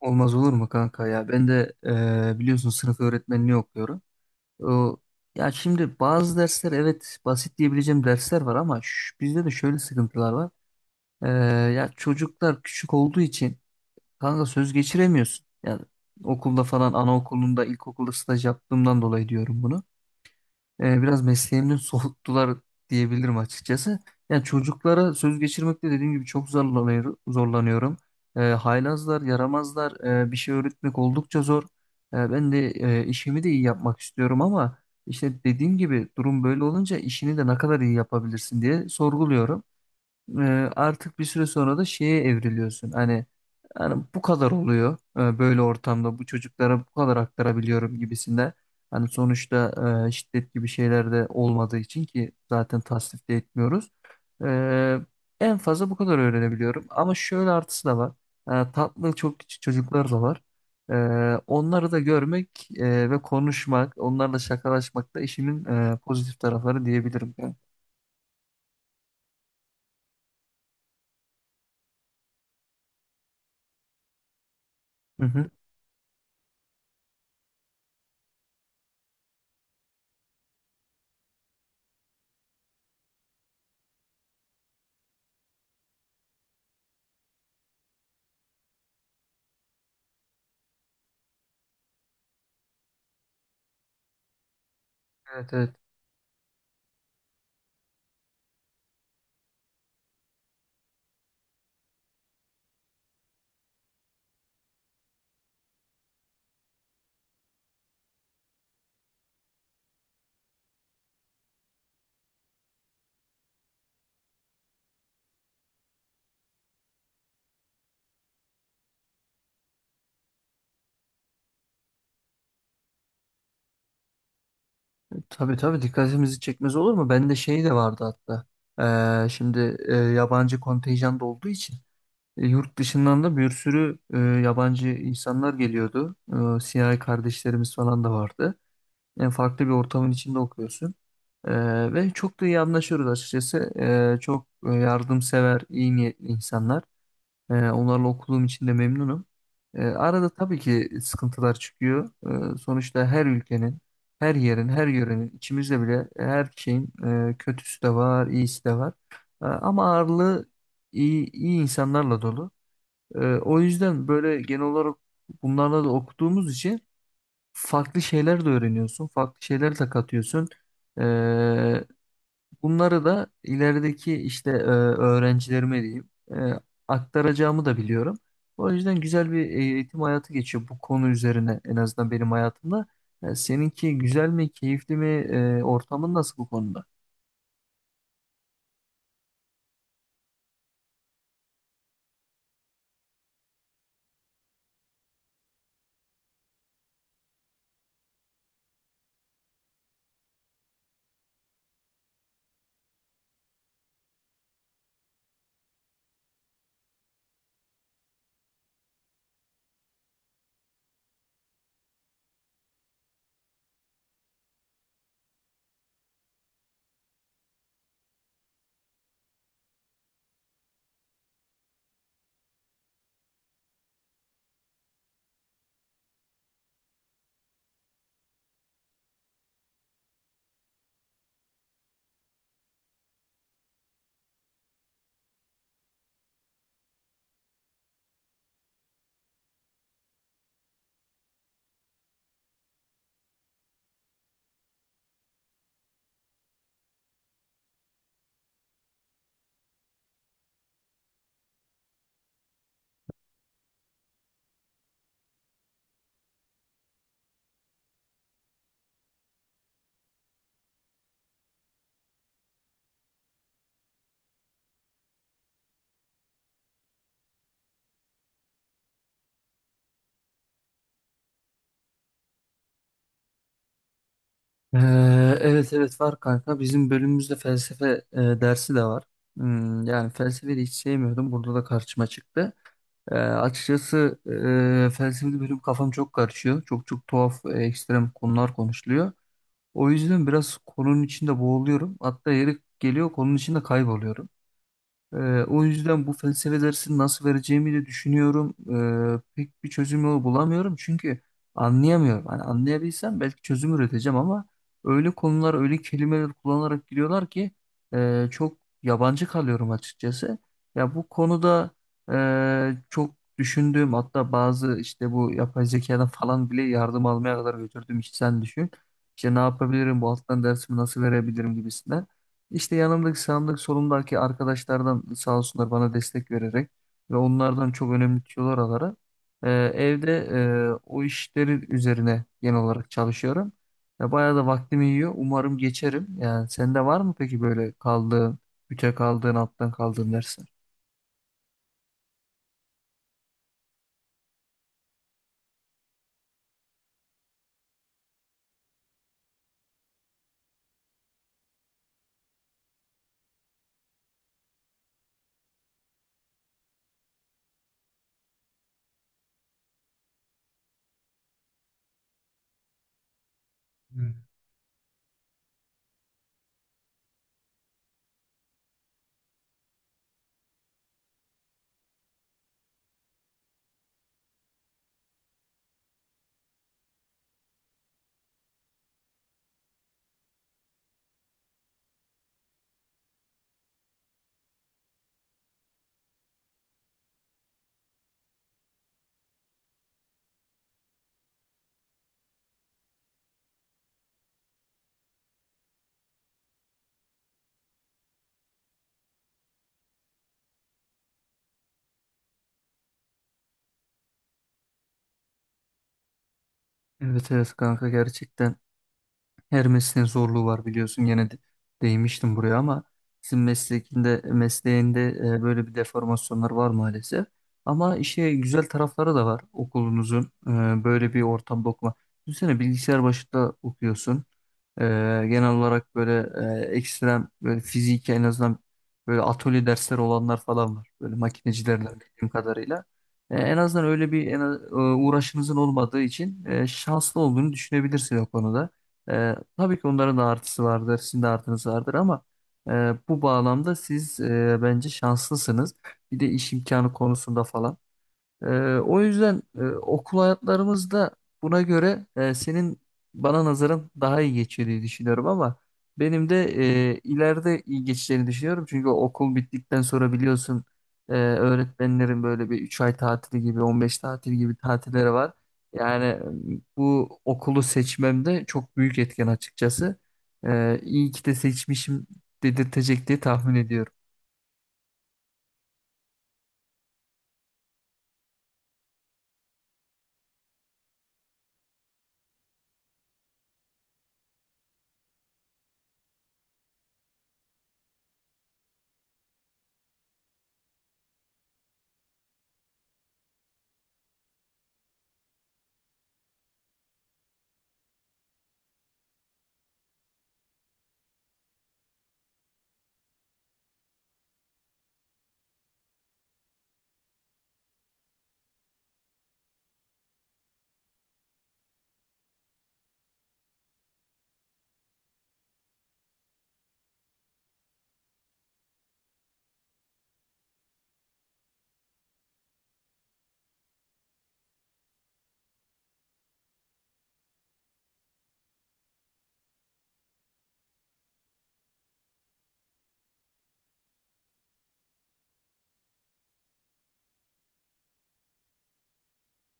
Olmaz olur mu kanka ya? Ben de biliyorsun sınıf öğretmenliği okuyorum. O, ya şimdi bazı dersler evet basit diyebileceğim dersler var ama bizde de şöyle sıkıntılar var. E, ya çocuklar küçük olduğu için kanka söz geçiremiyorsun. Yani okulda falan anaokulunda ilkokulda staj yaptığımdan dolayı diyorum bunu biraz mesleğimden soğuttular diyebilirim açıkçası. Yani çocuklara söz geçirmekte dediğim gibi çok zorlanıyorum. Haylazlar, yaramazlar, bir şey öğretmek oldukça zor. Ben de işimi de iyi yapmak istiyorum ama işte dediğim gibi durum böyle olunca işini de ne kadar iyi yapabilirsin diye sorguluyorum, e, artık bir süre sonra da şeye evriliyorsun. Hani yani bu kadar oluyor, böyle ortamda bu çocuklara bu kadar aktarabiliyorum gibisinde. Hani sonuçta şiddet gibi şeyler de olmadığı için ki zaten tasnif de etmiyoruz. E, en fazla bu kadar öğrenebiliyorum. Ama şöyle artısı da var. Tatlı çok küçük çocuklar da var. E, onları da görmek ve konuşmak, onlarla şakalaşmak da işimin pozitif tarafları diyebilirim. Yani. Hı hı. Evet evet. Tabii tabii dikkatimizi çekmez olur mu? Bende şey de vardı hatta. Şimdi yabancı kontenjan da olduğu için yurt dışından da bir sürü yabancı insanlar geliyordu. Siyahi kardeşlerimiz falan da vardı. En farklı bir ortamın içinde okuyorsun. Ve çok da iyi anlaşıyoruz açıkçası. Çok yardımsever, iyi niyetli insanlar. Onlarla okuduğum için de memnunum. Arada tabii ki sıkıntılar çıkıyor. Sonuçta her ülkenin, her yerin, her yörenin, içimizde bile her şeyin kötüsü de var, iyisi de var. Ama ağırlığı iyi, iyi insanlarla dolu. O yüzden böyle genel olarak bunlarla da okuduğumuz için farklı şeyler de öğreniyorsun, farklı şeyler de katıyorsun. Ee, Bunları da ilerideki işte öğrencilerime diyeyim e, aktaracağımı da biliyorum. O yüzden güzel bir eğitim hayatı geçiyor bu konu üzerine en azından benim hayatımda. Seninki güzel mi, keyifli mi, ortamın nasıl bu konuda? Ee, evet evet var kanka. Bizim bölümümüzde felsefe dersi de var. Yani felsefeyi de hiç sevmiyordum. Burada da karşıma çıktı. Açıkçası felsefeli bölüm kafam çok karışıyor. Çok çok tuhaf, ekstrem konular konuşuluyor. O yüzden biraz konunun içinde boğuluyorum. Hatta yeri geliyor konunun içinde kayboluyorum. Ee, o yüzden bu felsefe dersini nasıl vereceğimi de düşünüyorum. Pek bir çözüm yolu bulamıyorum çünkü anlayamıyorum. Hani anlayabilsem belki çözüm üreteceğim ama öyle konular, öyle kelimeler kullanarak giriyorlar ki çok yabancı kalıyorum açıkçası. Ya bu konuda çok düşündüğüm hatta bazı işte bu yapay zekadan falan bile yardım almaya kadar götürdüm. İşte sen düşün. İşte ne yapabilirim, bu alttan dersimi nasıl verebilirim gibisinden. İşte yanımdaki sağımdaki solumdaki arkadaşlardan sağ olsunlar bana destek vererek ve onlardan çok önemli tüyolar alarak evde o işlerin üzerine genel olarak çalışıyorum. Ya bayağı da vaktimi yiyor. Umarım geçerim. Yani sende var mı peki böyle kaldığın, büte kaldığın, alttan kaldığın dersler? Evet evet kanka gerçekten. Her mesleğin zorluğu var biliyorsun gene de, değmiştim buraya ama sizin mesleğinde böyle bir deformasyonlar var maalesef. Ama işte güzel tarafları da var okulunuzun, böyle bir ortamda okuma. Düşünsene bilgisayar başında okuyorsun. E, genel olarak böyle ekstrem böyle fizik en azından böyle atölye dersleri olanlar falan var. Böyle makinecilerden bildiğim kadarıyla. En azından öyle bir uğraşınızın olmadığı için şanslı olduğunu düşünebilirsin o konuda. Tabii ki onların da artısı vardır, sizin de artınız vardır ama e, bu bağlamda siz bence şanslısınız. Bir de iş imkanı konusunda falan. Ee, o yüzden okul hayatlarımız da buna göre senin bana nazaran daha iyi geçiyor diye düşünüyorum ama benim de ileride iyi geçeceğini düşünüyorum. Çünkü okul bittikten sonra biliyorsun öğretmenlerin böyle bir 3 ay tatili gibi 15 tatil gibi tatilleri var. Yani bu okulu seçmemde çok büyük etken açıkçası. İyi ki de seçmişim dedirtecek diye tahmin ediyorum.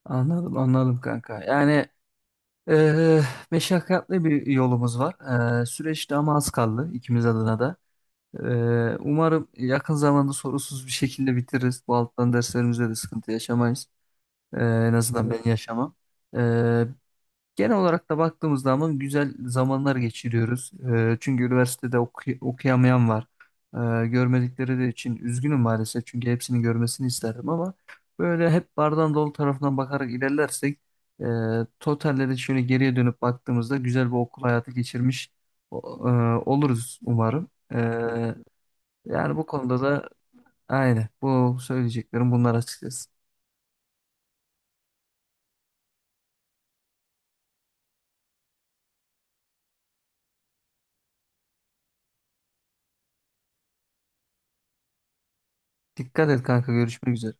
Anladım, anladım kanka. Yani. Ee, meşakkatli bir yolumuz var. Süreçte ama az kaldı ikimiz adına da. Umarım yakın zamanda sorunsuz bir şekilde bitiririz. Bu alttan derslerimizde de sıkıntı yaşamayız. En azından ben yaşamam. Genel olarak da baktığımız zaman güzel zamanlar geçiriyoruz. Çünkü üniversitede okuyamayan var. Görmedikleri de için üzgünüm maalesef. Çünkü hepsini görmesini isterdim ama böyle hep bardağın dolu tarafından bakarak ilerlersek e, totalde de şöyle geriye dönüp baktığımızda güzel bir okul hayatı geçirmiş o- e, oluruz umarım. Yani bu konuda da aynı. Bu söyleyeceklerim bunlar açıkçası. Dikkat et kanka görüşmek üzere.